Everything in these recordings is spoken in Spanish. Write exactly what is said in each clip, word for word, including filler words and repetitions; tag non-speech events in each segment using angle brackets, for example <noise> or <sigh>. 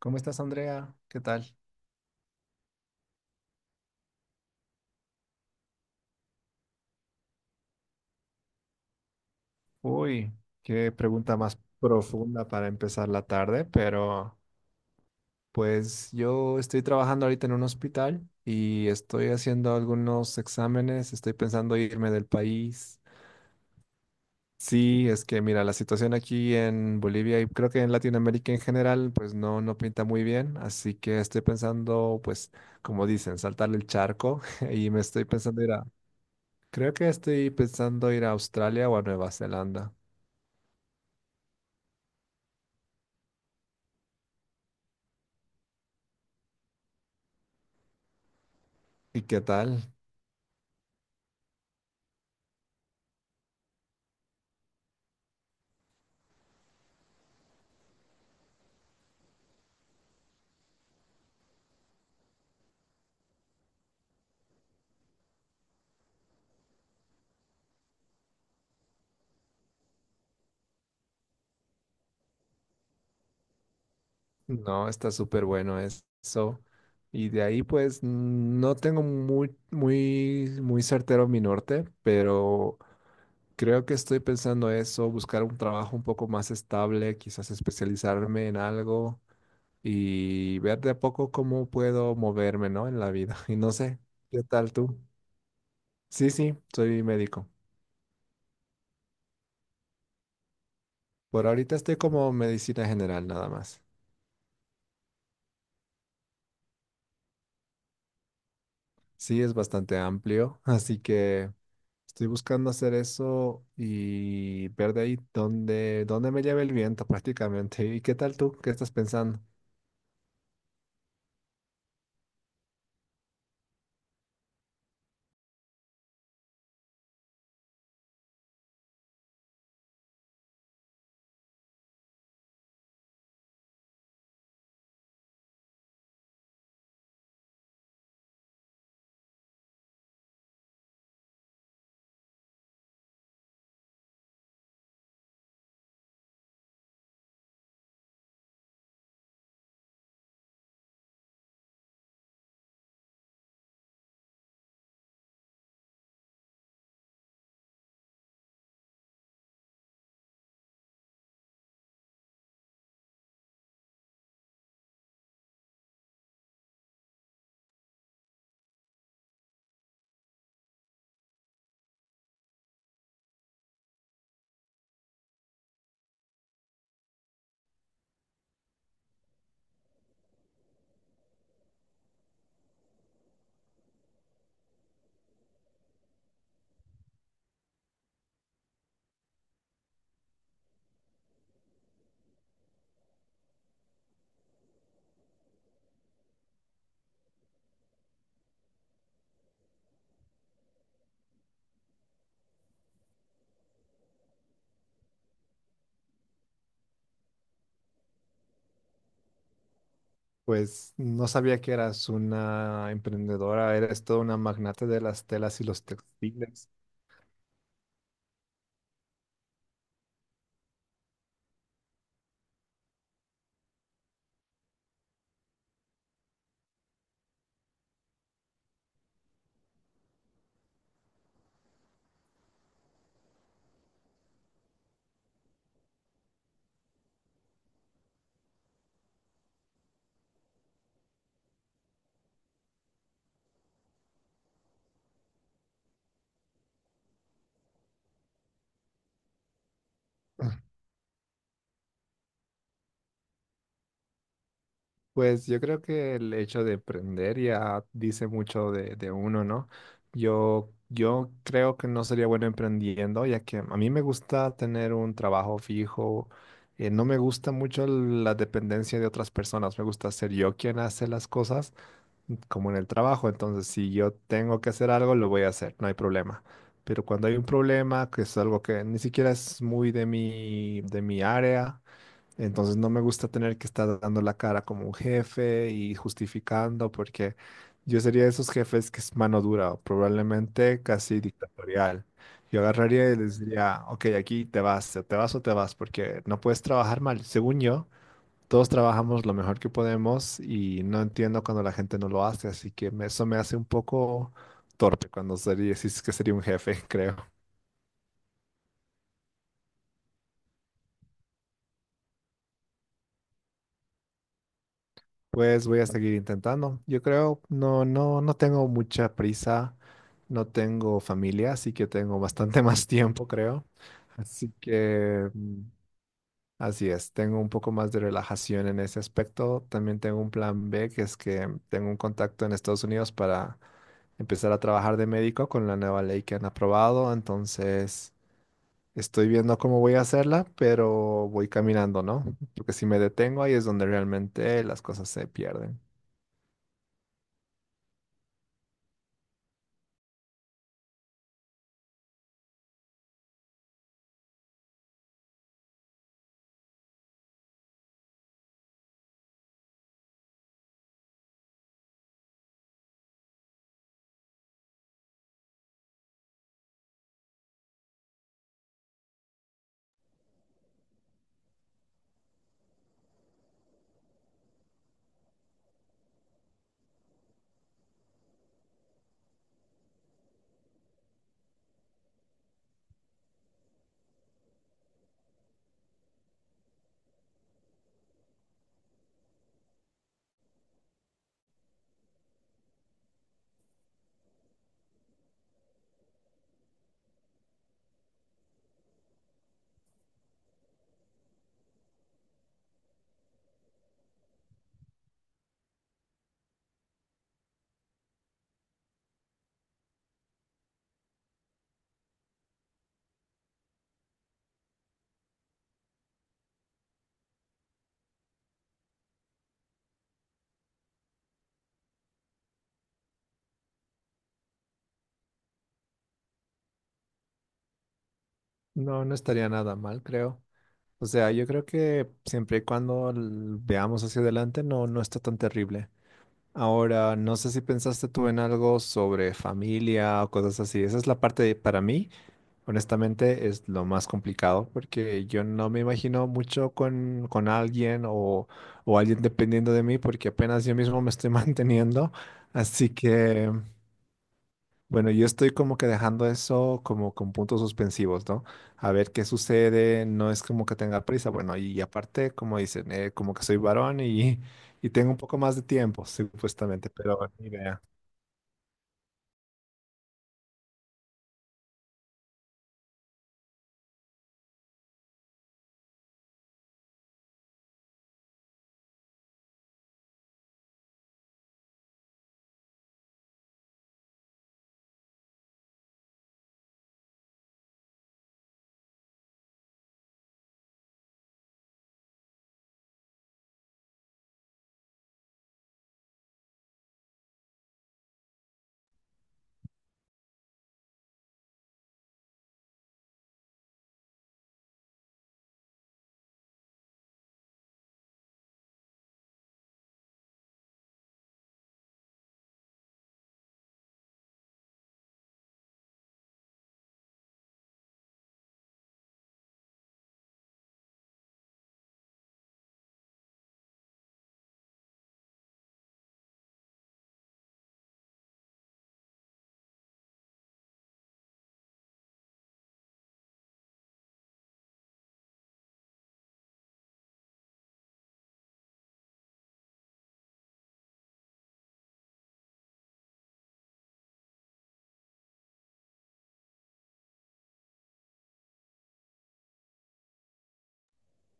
¿Cómo estás, Andrea? ¿Qué tal? Uy, qué pregunta más profunda para empezar la tarde, pero pues yo estoy trabajando ahorita en un hospital y estoy haciendo algunos exámenes, estoy pensando irme del país. Sí, es que mira, la situación aquí en Bolivia y creo que en Latinoamérica en general, pues no, no pinta muy bien, así que estoy pensando, pues, como dicen, saltar el charco <laughs> y me estoy pensando ir a, creo que estoy pensando ir a Australia o a Nueva Zelanda. ¿Y qué tal? No, está súper bueno eso. Y de ahí, pues, no tengo muy, muy, muy certero mi norte, pero creo que estoy pensando eso, buscar un trabajo un poco más estable, quizás especializarme en algo y ver de a poco cómo puedo moverme, ¿no? En la vida. <laughs> Y no sé, ¿qué tal tú? Sí, sí, soy médico. Por ahorita estoy como medicina general nada más. Sí, es bastante amplio, así que... Estoy buscando hacer eso y ver de ahí dónde, dónde me lleva el viento <laughs> prácticamente. ¿Y qué tal tú? ¿Qué estás pensando? Pues no sabía que eras una emprendedora, eres toda una magnate de las telas y los textiles. <laughs> Pues yo creo que el hecho de aprender ya dice mucho de, de uno, ¿no? Yo, yo creo que no sería bueno emprendiendo, ya que a mí me gusta tener un trabajo fijo. Eh, no me gusta mucho el- la dependencia de otras personas. Me gusta ser yo quien hace las cosas, como en el trabajo. Entonces, si yo tengo que hacer algo, lo voy a hacer, no hay problema. Pero cuando hay un problema, que es algo que ni siquiera es muy de mi, de mi área. Entonces no me gusta tener que estar dando la cara como un jefe y justificando porque yo sería de esos jefes que es mano dura, probablemente casi dictatorial. Yo agarraría y les diría, ok, aquí te vas, o te vas o te vas, porque no puedes trabajar mal. Según yo, todos trabajamos lo mejor que podemos y no entiendo cuando la gente no lo hace, así que me- eso me hace un poco torpe cuando sería, si es que sería un jefe, <laughs> creo. Pues voy a seguir intentando. Yo creo, no, no, no tengo mucha prisa, no tengo familia, así que tengo bastante <laughs> más tiempo, creo. Así que, mm, así es, tengo un poco más de relajación en ese aspecto. También tengo un plan B, que es que tengo un contacto en Estados Unidos para empezar a trabajar de médico con la nueva ley que han aprobado. Entonces, estoy viendo cómo voy a hacerla, pero voy caminando, ¿no? Porque si me detengo ahí es donde realmente las cosas se pierden. No, no estaría nada mal, creo. O sea, yo creo que siempre y cuando l- veamos hacia adelante, no, no está tan terrible. Ahora, no sé si pensaste tú en algo sobre familia o cosas así. Esa es la parte para mí, honestamente, es lo más complicado porque yo no me imagino mucho con, con alguien o, o alguien dependiendo de mí porque apenas yo mismo me estoy <laughs> manteniendo. Así que... Bueno, yo estoy como que dejando eso como con puntos suspensivos, ¿no? A ver qué sucede, no es como que tenga prisa, bueno, y aparte, como dicen, eh, como que soy varón y, <laughs> y tengo un poco más de tiempo, supuestamente, pero ni idea.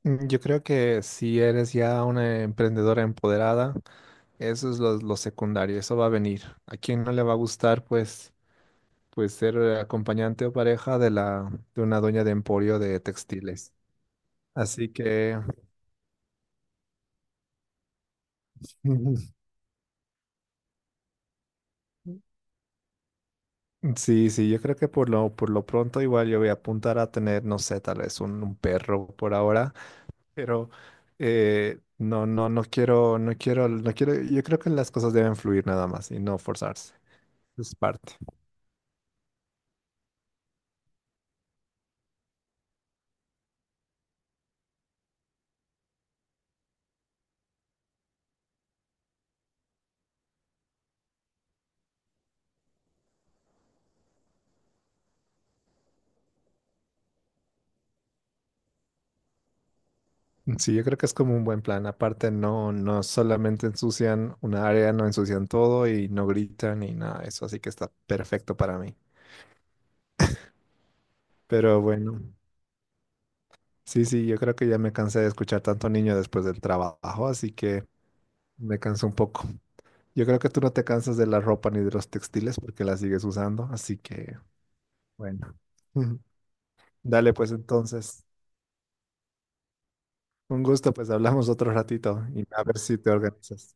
Mm, yo creo que si eres ya una emprendedora empoderada, eso es lo, lo secundario, eso va a venir. ¿A quién no le va a gustar, pues, pues ser eh, acompañante o pareja de la, de una dueña de emporio de textiles? Así que <laughs> Sí, sí, yo creo que por lo, por lo pronto igual yo voy a apuntar a tener, no sé, tal vez un, un perro por ahora, pero eh, no, no, no quiero, no quiero, no quiero, yo creo que las cosas deben fluir nada más y no forzarse. Es parte. <laughs> Sí, yo creo que es como un buen plan. Aparte, no, no solamente ensucian una área, no ensucian todo y no gritan y nada, de eso así que está perfecto para mí. Pero bueno, sí, sí, yo creo que ya me cansé de escuchar tanto niño después del trabajo, así que me canso un poco. Yo creo que tú no te cansas de la ropa ni de los textiles porque la sigues usando, así que bueno. <laughs> Dale pues entonces. Un gusto, pues hablamos otro ratito y a ver si te organizas.